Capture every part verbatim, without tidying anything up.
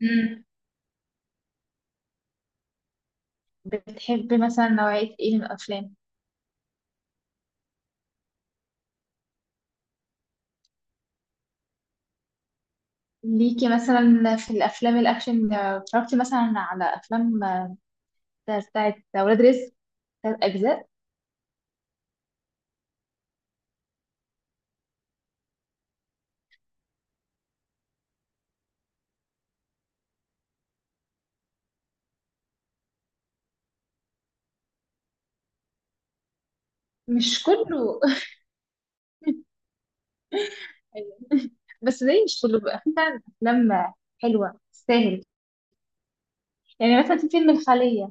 مم. بتحبي مثلا نوعية ايه من الأفلام؟ ليكي مثلا في الأفلام الأكشن آه، اتفرجتي مثلا على أفلام آه، بتاعت ولاد رزق تلات أجزاء. مش كله. أيوة. بس زي مش كله بقى في فعلا أفلام آه، حلوة تستاهل. يعني مثلا في فيلم الخلية.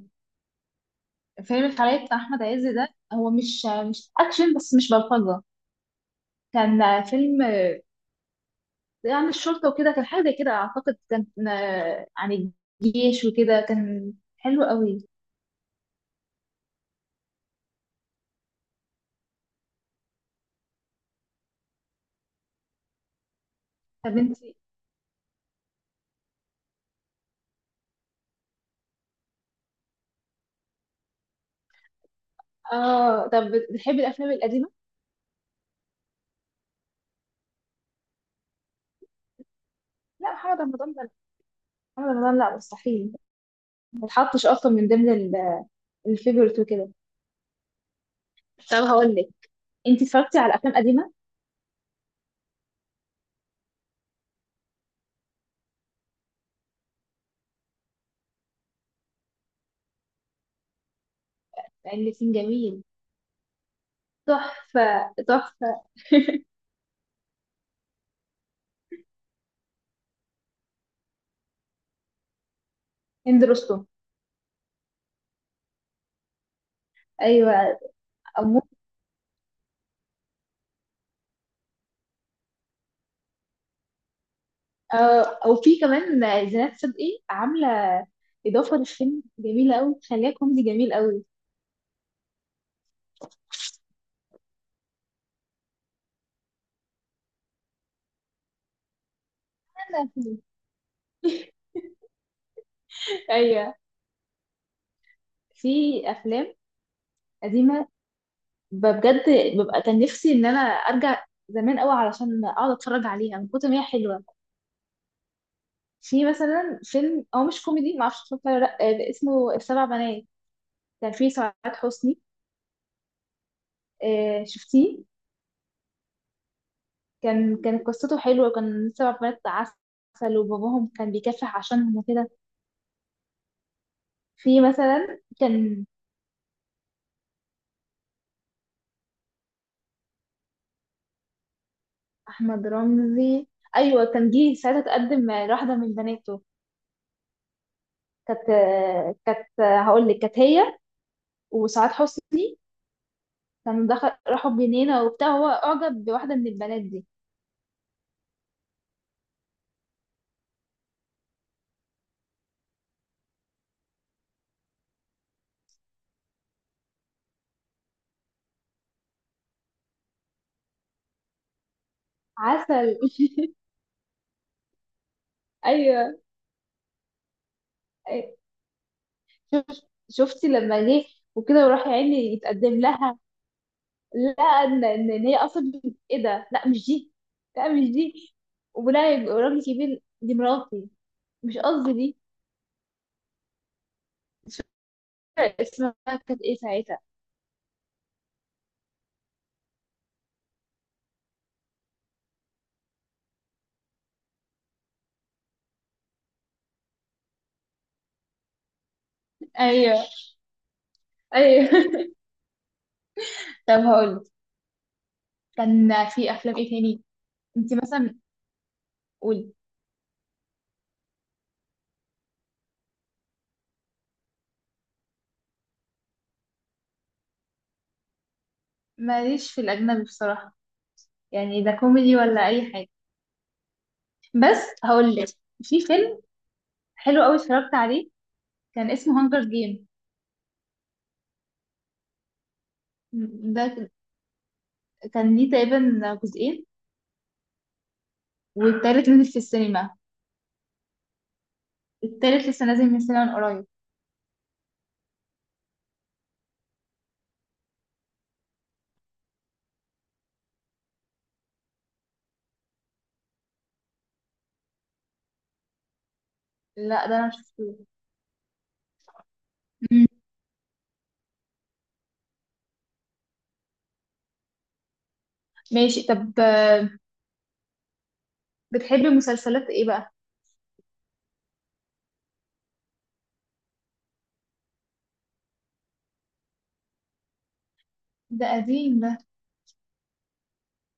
فيلم الخلية بتاع أحمد عز ده هو مش آه، مش أكشن، بس مش بلطجة. كان آه، فيلم آه، عن الشرطة وكده. كان حاجة زي كده أعتقد. كان آه، عن الجيش وكده. كان حلو قوي. طب انت. اه طب بت- بتحبي الافلام القديمه؟ لا، محمد رمضان ده، محمد رمضان لا، مستحيل. ما اتحطش اصلا من ضمن الفيفورت وكده. طب هقول لك، انت اتفرجتي على افلام قديمه؟ لان كان جميل. تحفه تحفه. هند رستم. ايوه. أمو... آه، او في كمان زينات صدقي عامله اضافه للفيلم، جميله قوي، خليها كوميدي جميل قوي. انا في- ايوه. في افلام قديمه بجد، ببقى كان نفسي ان انا ارجع زمان قوي علشان اقعد اتفرج عليها من كتر ما هي حلوه. في مثلا فيلم هو مش كوميدي، ما اعرفش اتفرجت عليه ولا لا، آه، اسمه السبع بنات. كان فيه سعاد حسني. آه، شفتيه؟ كان كانت قصته حلوه، وكان سبع بنات عسل وباباهم كان بيكافح عشانهم وكده. في مثلا كان احمد رمزي. ايوه، كان جه ساعتها تقدم لواحده من بناته. كانت آه، كانت آه، هقول لك، كانت هي وسعاد حسني كانوا دخل راحوا جنينة وبتاع، هو أعجب بواحدة من البنات دي. عسل. أيوة. أي- شف- شفتي لما جه وكده وراح يا عيني يتقدم لها. لا، إن إن إن هي أصلا إيه ده؟ لا مش دي، لا مش دي، ولا يبقى راجل كبير دي مراتي. مش قصدي دي. مش فاكرة اسمها كانت إيه ساعتها. أيوه، أيوه. طب هقولك، كان في أفلام إيه تاني؟ أنت مثلا، قولي. ماليش في الأجنبي بصراحة. يعني ده كوميدي ولا أي حاجة. بس هقول لك، في فيلم حلو قوي اتفرجت عليه، كان اسمه هانجر جيم. ده كان ليه تقريبا جزئين، والتالت نزل في السينما. التالت لسه نازل من السينما من قريب. لا ده انا شفته. مم. ماشي. طب آه، بتحبي مسلسلات ايه بقى؟ ده قديم ده.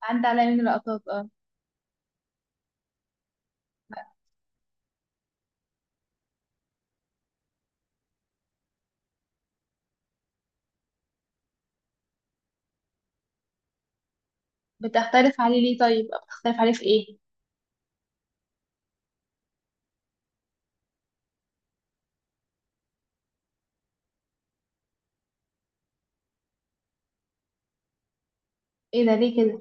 عدى عليا من لقطات اه بتختلف عليه ليه طيب؟ بتختلف عليه في ايه؟ ايه ده ليه كده؟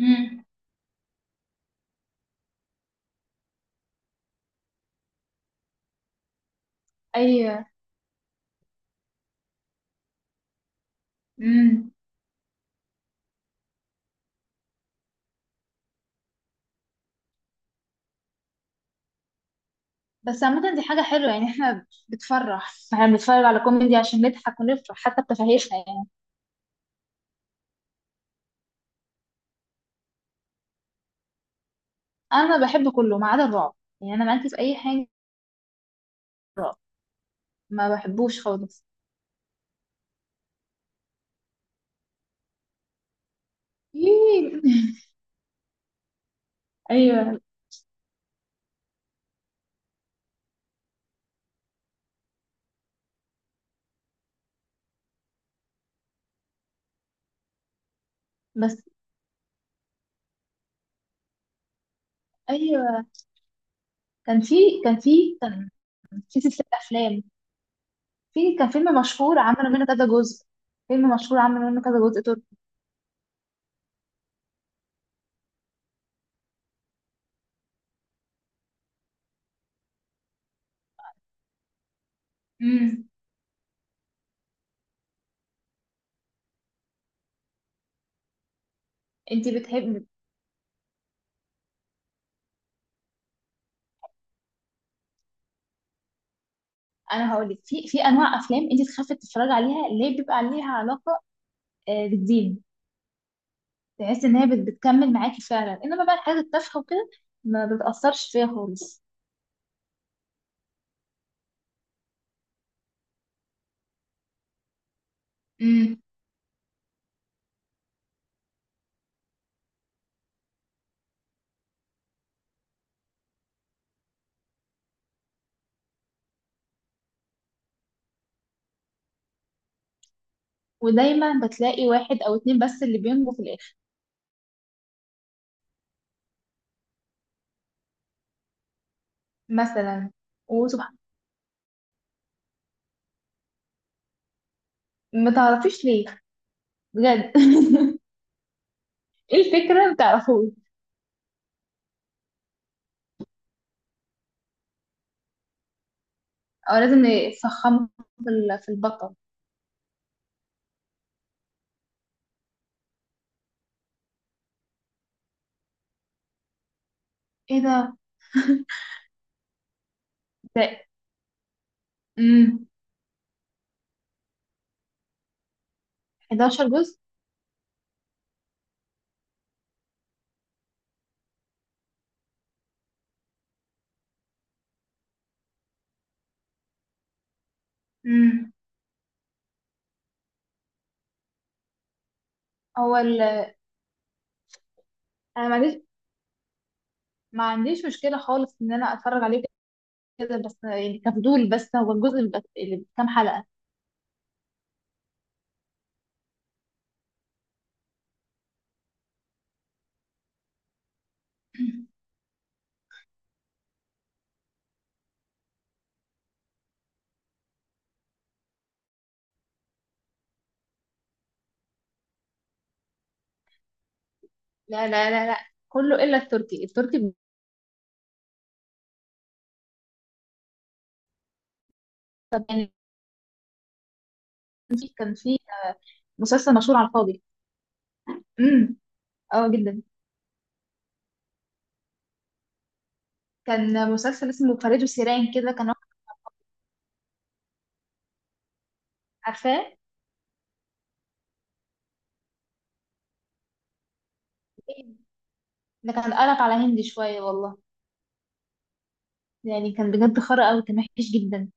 امم. ايوه. امم. بس عامة دي حاجة حلوة يعني، احنا بتفرح، احنا بنتفرج على كوميدي عشان نضحك ونفرح حتى بتفاهيشنا يعني. انا بحب كله ما عدا الرعب. يعني انا معاكي في اي حاجه. رعب ما بحبوش خالص. إيه. ايوه. بس ايوه، كان في كان في كان في سلسله افلام. في كان فيلم مشهور عملوا منه كذا جزء. فيلم مشهور عملوا منه كذا جزء تركي. امم انت بتحبي. انا هقول لك، في في انواع افلام انت تخافي تتفرجي عليها، اللي هي بيبقى عليها علاقه آه، بالدين، تحس ان هي بت- بتكمل معاكي فعلا. انما بقى الحاجات التافهه وكده ما بتاثرش فيها خالص. ودايما بتلاقي واحد او اتنين بس اللي بينجوا في الاخر. مثلا، وسبحان، ما تعرفيش ليه بجد. ايه الفكرة، ما تعرفوش؟ او لازم يفخموا في ال- في البطل. ايه ده. ده امم حداشر جزء. امم. هو ال- انا ما عنديش ما عنديش مشكلة خالص ان انا اتفرج عليه كده، بس يعني كفضول. بس هو الجزء اللي بس- اللي بكام حلقة؟ لا لا لا لا، كله الا التركي. التركي. طب يعني كان في كان في مسلسل مشهور على الفاضي. امم اه جدا. كان مسلسل اسمه فريد وسيران كده، كان واحد. عارفاه؟ ده كان قلب على هندي شوية والله. يعني كان بجد خرا أوي، كان وحش جدا.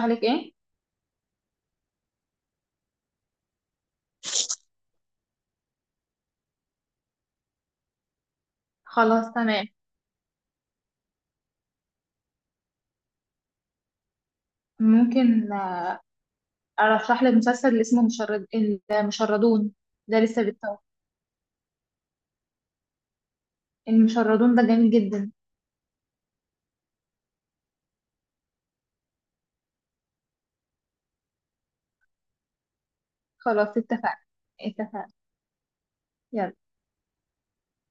أرشح لك إيه؟ خلاص تمام. ممكن آه، أرشح لك مسلسل اللي اسمه مشرد، المشردون. ده لسه بيتصور. المشردون ده جميل جدا. خلاص اتفقنا، اتفقنا. يلا.